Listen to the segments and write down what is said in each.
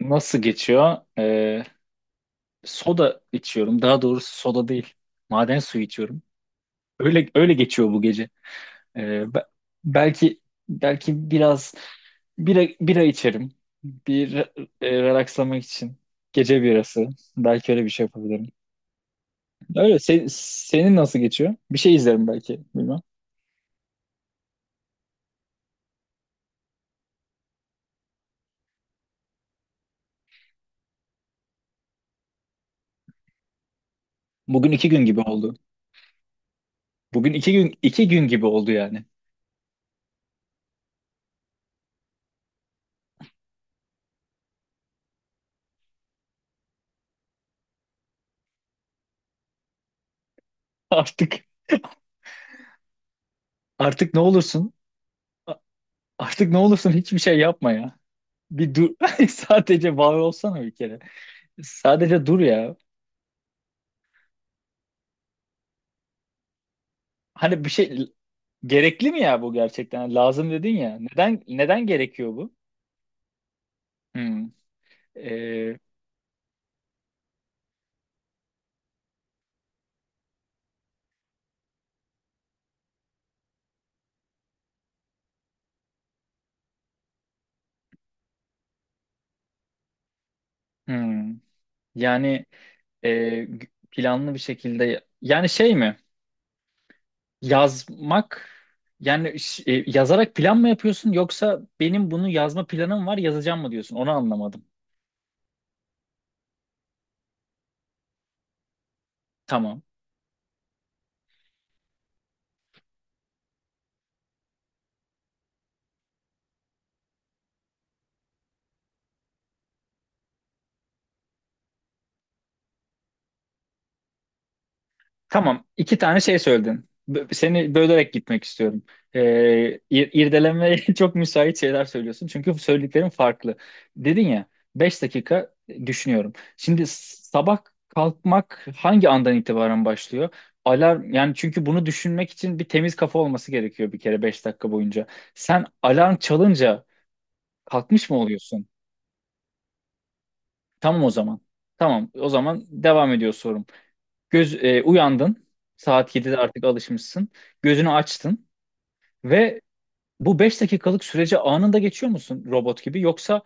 Nasıl geçiyor? Soda içiyorum. Daha doğrusu soda değil. Maden suyu içiyorum. Öyle öyle geçiyor bu gece. Ee, be- belki belki biraz bira içerim. Bir relakslamak için. Gece birası. Belki öyle bir şey yapabilirim. Öyle. Senin nasıl geçiyor? Bir şey izlerim belki. Bilmem. Bugün 2 gün gibi oldu. Bugün iki gün gibi oldu yani. Artık artık ne olursun? Artık ne olursun hiçbir şey yapma ya. Bir dur. Sadece var olsana bir kere. Sadece dur ya. Hani bir şey gerekli mi ya bu gerçekten? Hani lazım dedin ya. Neden gerekiyor bu? Hmm. Ee, hmm. Yani e, planlı bir şekilde yani şey mi? Yazmak yani yazarak plan mı yapıyorsun yoksa benim bunu yazma planım var yazacağım mı diyorsun? Onu anlamadım. Tamam. Tamam, iki tane şey söyledin. Seni bölerek gitmek istiyorum. Ee, ir- irdelemeye çok müsait şeyler söylüyorsun. Çünkü söylediklerin farklı. Dedin ya, 5 dakika düşünüyorum. Şimdi sabah kalkmak hangi andan itibaren başlıyor? Alarm yani, çünkü bunu düşünmek için bir temiz kafa olması gerekiyor bir kere, 5 dakika boyunca. Sen alarm çalınca kalkmış mı oluyorsun? Tamam o zaman. Tamam o zaman devam ediyor. Uyandın. Saat 7'de artık alışmışsın. Gözünü açtın ve bu 5 dakikalık sürece anında geçiyor musun robot gibi yoksa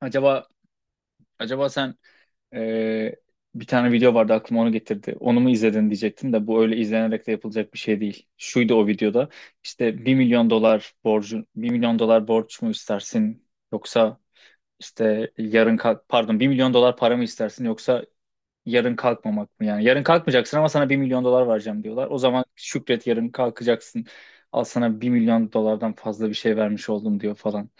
acaba acaba sen e, bir tane video vardı, aklıma onu getirdi. Onu mu izledin diyecektim de bu öyle izlenerek de yapılacak bir şey değil. Şuydu o videoda: işte bir milyon dolar borç mu istersin, yoksa işte pardon, 1 milyon dolar para mı istersin, yoksa yarın kalkmamak mı yani? Yarın kalkmayacaksın ama sana 1 milyon dolar vereceğim diyorlar. O zaman şükret, yarın kalkacaksın. Al sana 1 milyon dolardan fazla bir şey vermiş oldum diyor falan.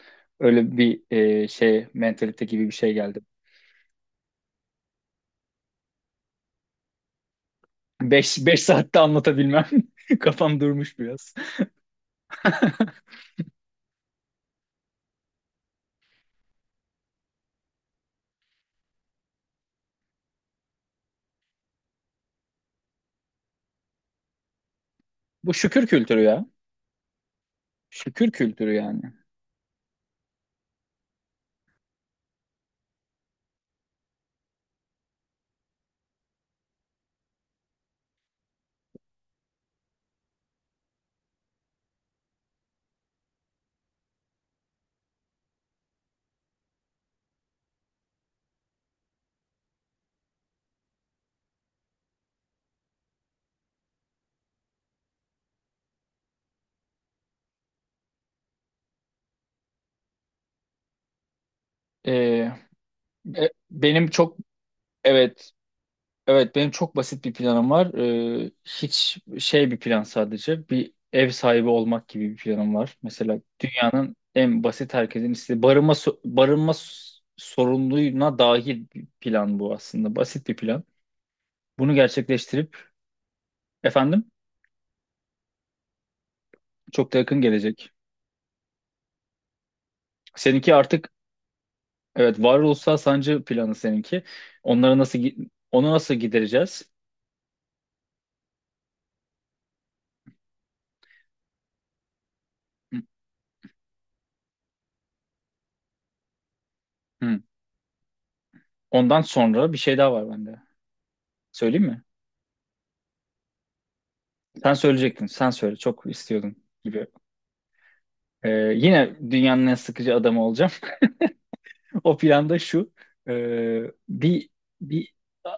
Öyle bir şey, mentalite gibi bir şey geldi. Beş saatte anlatabilmem. Kafam durmuş biraz. Bu şükür kültürü ya. Şükür kültürü yani. E, e, benim çok evet Evet benim çok basit bir planım var. Hiç şey, bir plan sadece. Bir ev sahibi olmak gibi bir planım var. Mesela dünyanın en basit, herkesin istediği barınma sorununa dahil bir plan bu aslında. Basit bir plan. Bunu gerçekleştirip, efendim, çok da yakın gelecek. Seninki artık, evet, varoluşsal sancı planı seninki. Onu nasıl gidereceğiz? Hı. Ondan sonra bir şey daha var bende. Söyleyeyim mi? Sen söyleyecektin. Sen söyle. Çok istiyordum gibi. Ee, yine dünyanın en sıkıcı adamı olacağım. O planda şu. ee, bir bir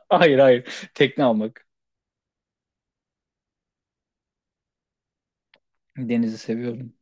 hayır hayır. Tekne almak. Denizi seviyorum.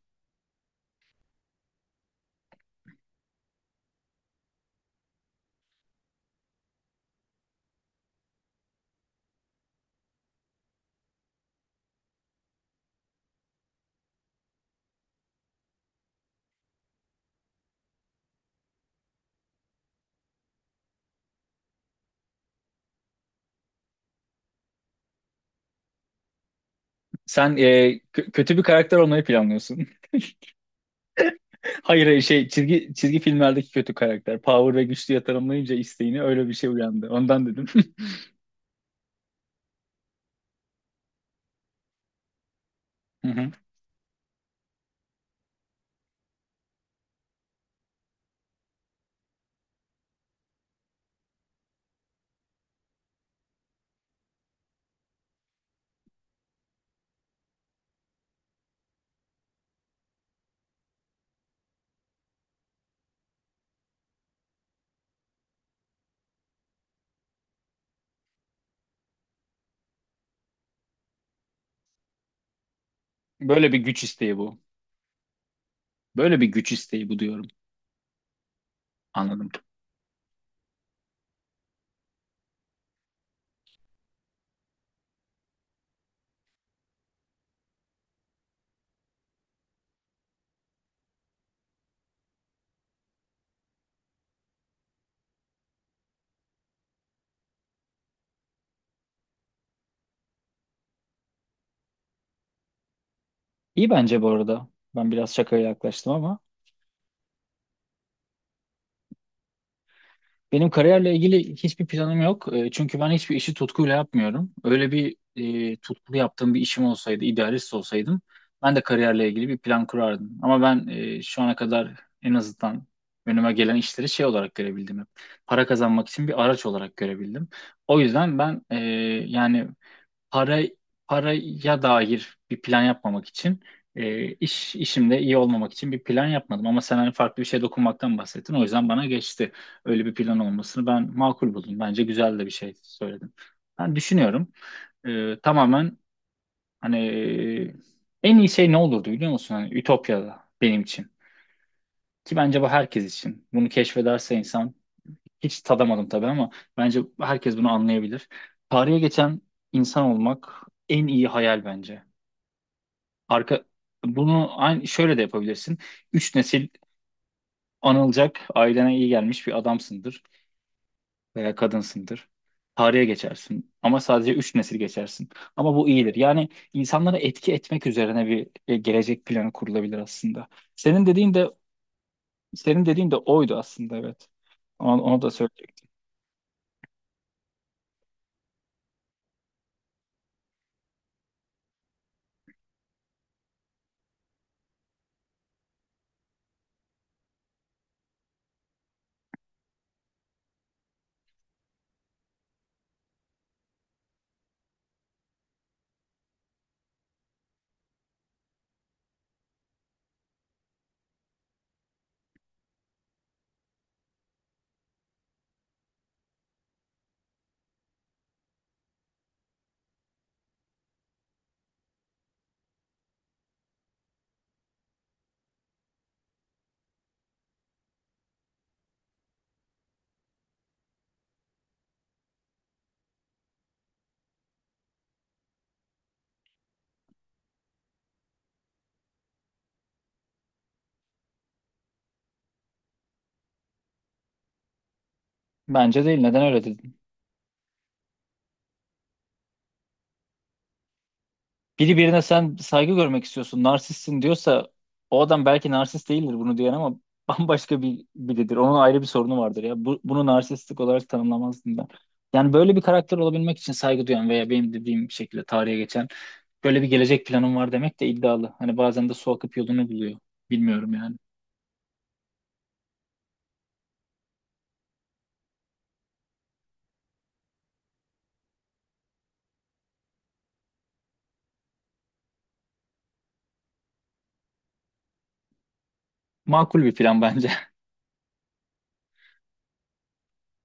Sen kötü bir karakter olmayı planlıyorsun. Hayır, hayır, şey, çizgi filmlerdeki kötü karakter. Power ve güçlüye tanımlayınca isteğini öyle bir şey uyandı. Ondan dedim. Hı hı. Böyle bir güç isteği bu. Böyle bir güç isteği bu diyorum. Anladım. İyi bence bu arada. Ben biraz şakaya yaklaştım, ama benim kariyerle ilgili hiçbir planım yok. Çünkü ben hiçbir işi tutkuyla yapmıyorum. Öyle bir tutkulu yaptığım bir işim olsaydı, idealist olsaydım, ben de kariyerle ilgili bir plan kurardım. Ama ben şu ana kadar en azından önüme gelen işleri şey olarak görebildim hep. Para kazanmak için bir araç olarak görebildim. O yüzden ben yani para paraya dair bir plan yapmamak için, e, iş işimde iyi olmamak için bir plan yapmadım, ama sen hani farklı bir şeye dokunmaktan bahsettin, o yüzden bana geçti. Öyle bir plan olmasını ben makul buldum. Bence güzel de bir şey söyledim. Ben düşünüyorum. Tamamen hani en iyi şey ne olurdu biliyor musun? Hani Ütopya'da benim için. Ki bence bu herkes için. Bunu keşfederse insan, hiç tadamadım tabii ama bence herkes bunu anlayabilir. Tarihe geçen insan olmak en iyi hayal bence. Arka bunu aynı şöyle de yapabilirsin. Üç nesil anılacak, ailene iyi gelmiş bir adamsındır veya kadınsındır. Tarihe geçersin ama sadece 3 nesil geçersin. Ama bu iyidir. Yani insanlara etki etmek üzerine bir gelecek planı kurulabilir aslında. Senin dediğin de senin dediğin de oydu aslında, evet. Onu da söyleyecektim. Bence değil. Neden öyle dedin? Biri birine, sen saygı görmek istiyorsun, narsistsin diyorsa, o adam belki narsist değildir bunu diyen ama bambaşka bir biridir. Onun ayrı bir sorunu vardır ya. Bunu narsistlik olarak tanımlamazdım ben. Yani böyle bir karakter olabilmek için saygı duyan, veya benim dediğim şekilde tarihe geçen, böyle bir gelecek planım var demek de iddialı. Hani bazen de su akıp yolunu buluyor. Bilmiyorum yani. Makul bir plan bence.